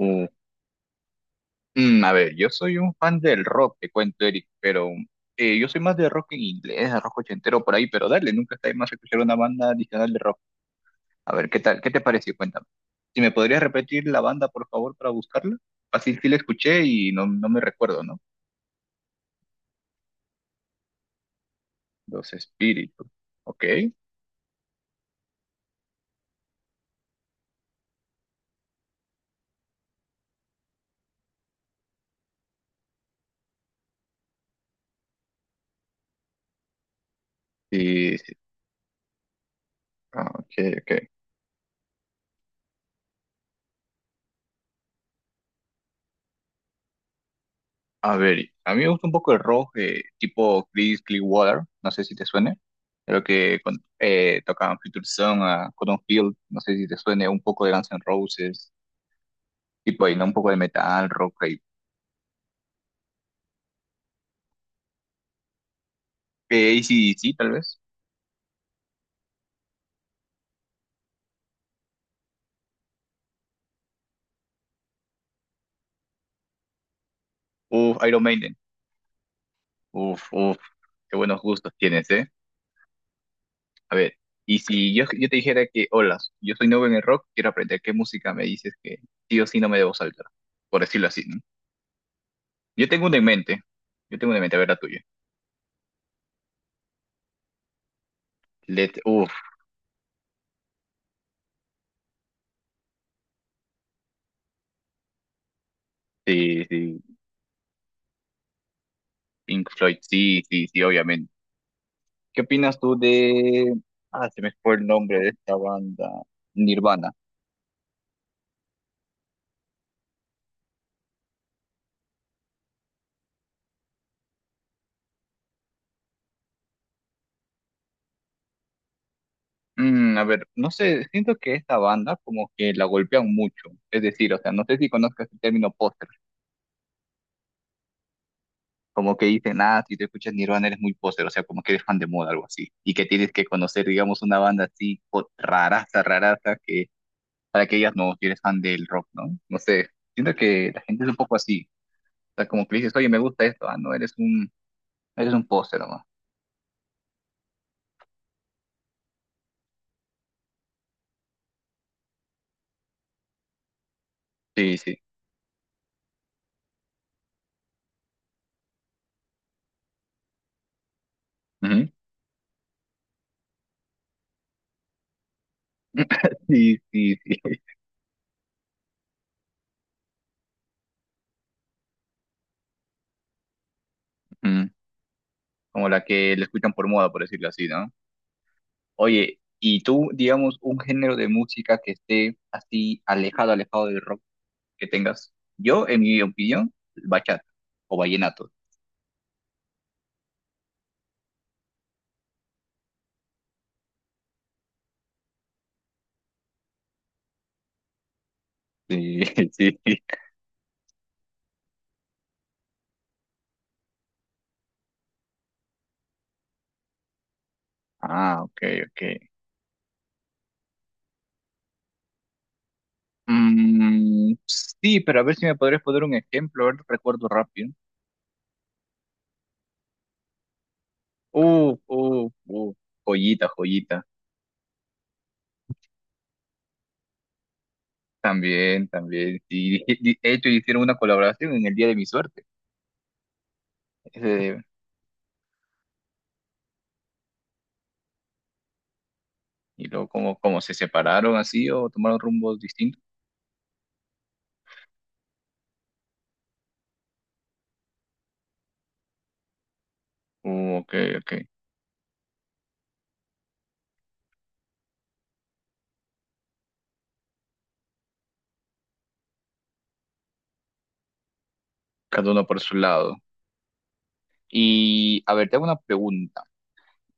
Uh, a ver, yo soy un fan del rock, te cuento, Eric, pero yo soy más de rock en inglés, de rock ochentero por ahí, pero dale, nunca está de más escuchar una banda adicional de rock. A ver, ¿qué tal? ¿Qué te pareció? Cuéntame. Si me podrías repetir la banda, por favor, para buscarla. Así sí la escuché y no, no me recuerdo, ¿no? Los Espíritus. Ok. Sí, sí. Ah, ok, ok. A ver, a mí me gusta un poco el rock tipo Chris Clearwater, no sé si te suene. Creo que tocaban Future Song a Cotton Field, no sé si te suene un poco de Guns N' Roses, tipo ahí, ¿no? Un poco de metal, rock, ahí. AC/DC tal vez. Uf, Iron Maiden. Uf, uf, qué buenos gustos tienes, ¿eh? A ver, y si yo te dijera que, hola, yo soy nuevo en el rock, quiero aprender qué música me dices que sí o sí no me debo saltar, por decirlo así, ¿no? Yo tengo una en mente, yo tengo una en mente, a ver la tuya. Let, sí, sí, Pink Floyd, sí, sí, sí, obviamente. ¿Qué opinas tú de... Ah, se me fue el nombre de esta banda, Nirvana. A ver, no sé, siento que esta banda como que la golpean mucho. Es decir, o sea, no sé si conozcas el término póster. Como que dicen, ah, si te escuchas Nirvana eres muy póster, o sea, como que eres fan de moda, algo así. Y que tienes que conocer, digamos, una banda así raraza, raraza, que para que ellas no, si eres fan del rock, ¿no? No sé, siento que la gente es un poco así. O sea, como que le dices, oye, me gusta esto, ah, no, eres un. Eres un póster nomás. Sí, sí. Ujú. Sí, sí, sí. Ujú. Como la que le escuchan por moda, por decirlo así, ¿no? Oye, ¿y tú, digamos, un género de música que esté así alejado, alejado del rock que tengas? Yo, en mi opinión, bachata o vallenato. Sí, sí. Ah, ok, ok. Mm, sí, pero a ver si me podrías poner un ejemplo, a ver, recuerdo rápido. Uh, uh, uh, joyita, joyita. También, también. Y de hecho hicieron una colaboración en el día de mi suerte. Ese- y luego como, como se separaron así o tomaron rumbos distintos. Ok, ok. Cada uno por su lado. Y a ver, te hago una pregunta.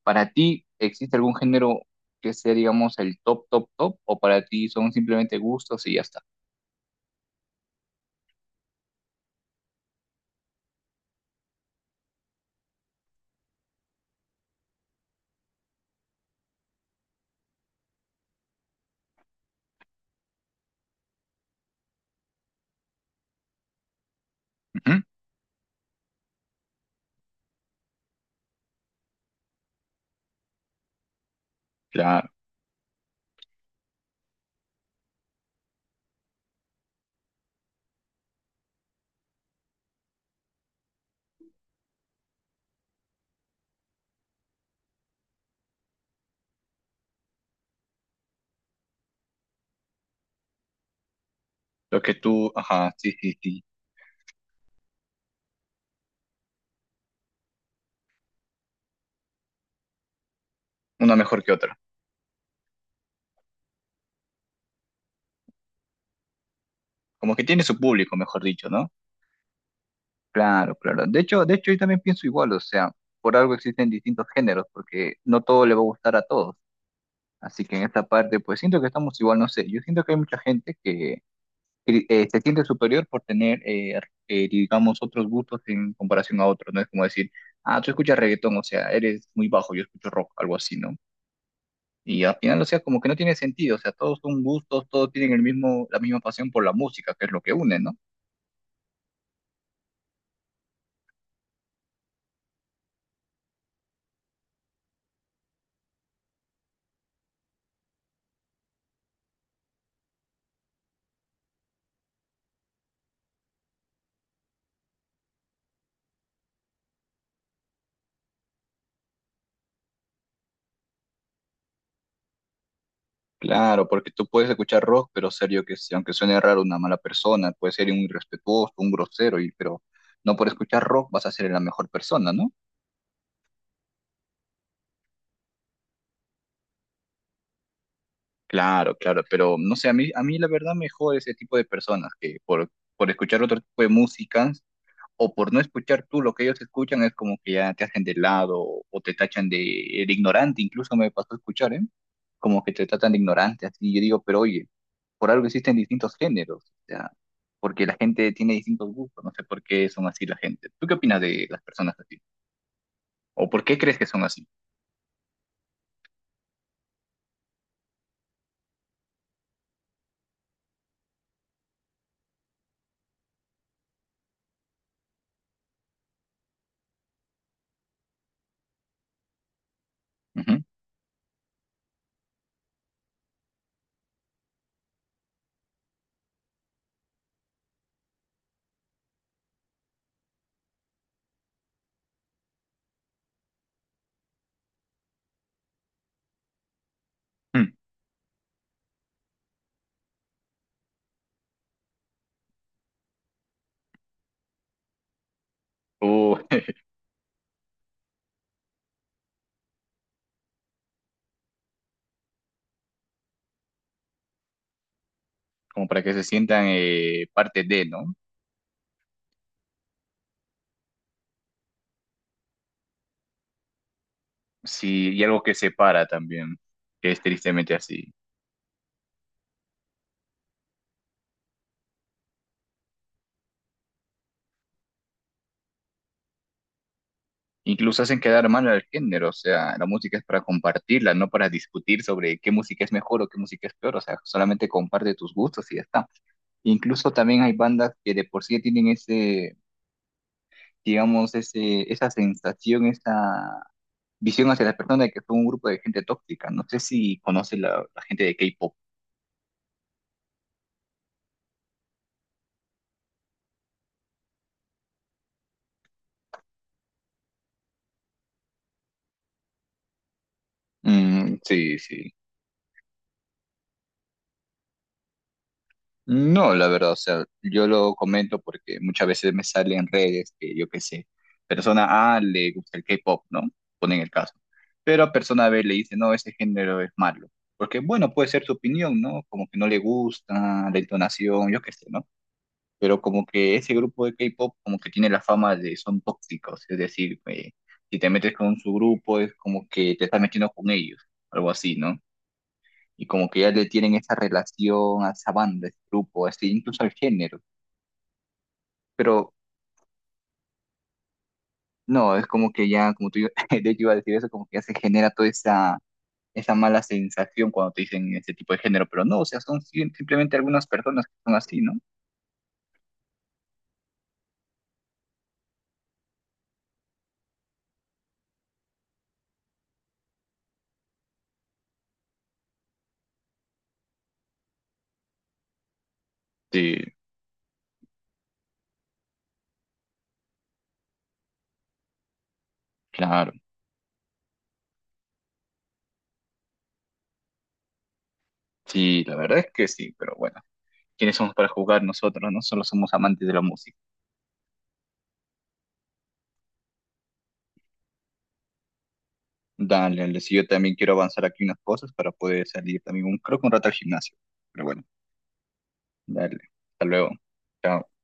¿Para ti existe algún género que sea, digamos, el top, top, top? ¿O para ti son simplemente gustos y ya está? Ujú, claro. Lo que tú, ajá, sí, sí, sí. Una mejor que otra. Como que tiene su público, mejor dicho, ¿no? Claro, claro. De hecho, yo también pienso igual, o sea, por algo existen distintos géneros, porque no todo le va a gustar a todos. Así que en esta parte, pues siento que estamos igual, no sé, yo siento que hay mucha gente que se siente superior por tener, digamos, otros gustos en comparación a otros, ¿no? Es como decir, ah, tú escuchas reggaetón, o sea, eres muy bajo, yo escucho rock, algo así, ¿no? Y al final, o sea, como que no tiene sentido, o sea, todos son gustos, todos tienen el mismo, la misma pasión por la música, que es lo que une, ¿no? Claro, porque tú puedes escuchar rock, pero serio que sí, aunque suene raro una mala persona, puede ser un irrespetuoso, un grosero, y, pero no por escuchar rock vas a ser la mejor persona, ¿no? Claro, claro, pero no sé, a mí la verdad me jode ese tipo de personas que por escuchar otro tipo de música o por no escuchar tú lo que ellos escuchan es como que ya te hacen de lado o te tachan de ignorante, incluso me pasó a escuchar, ¿eh? Como que te tratan de ignorante, así yo digo, pero oye. Por algo existen distintos géneros, o sea, porque la gente tiene distintos gustos, no sé por qué son así la gente. ¿Tú qué opinas de las personas así? ¿O por qué crees que son así? Ujú. Mm. O como para que se sientan parte de, ¿no? Sí, y algo que separa también, que es tristemente así. Incluso hacen quedar mal al género, o sea, la música es para compartirla, no para discutir sobre qué música es mejor o qué música es peor, o sea, solamente comparte tus gustos y ya está. Incluso también hay bandas que de por sí tienen ese digamos, ese, esa sensación, esa visión hacia la persona de que fue un grupo de gente tóxica. No sé si conoce la, la gente de K-pop. Mm, sí, sí. No, la verdad, o sea, yo lo comento porque muchas veces me sale en redes que yo qué sé, persona A le gusta el K-pop, ¿no? Ponen el caso. Pero a persona B le dice, no, ese género es malo. Porque, bueno, puede ser su opinión, ¿no? Como que no le gusta, la entonación, yo qué sé, ¿no? Pero como que ese grupo de K-pop como que tiene la fama de son tóxicos, es decir, si te metes con su grupo es como que te estás metiendo con ellos, algo así, ¿no? Y como que ya le tienen esa relación a esa banda, a ese grupo, así, incluso al género, pero no, es como que ya, como tú, de hecho iba a decir eso, como que ya se genera toda esa, esa mala sensación cuando te dicen ese tipo de género, pero no, o sea, son simplemente algunas personas que son así, ¿no? Sí, claro, sí, la verdad es que sí, pero bueno. Quiénes somos para jugar nosotros, ¿no? Solo somos amantes de la música. Dale, dale, si yo también quiero avanzar aquí unas cosas para poder salir también, un, creo que un rato al gimnasio. Pero bueno, dale, hasta luego. Chao.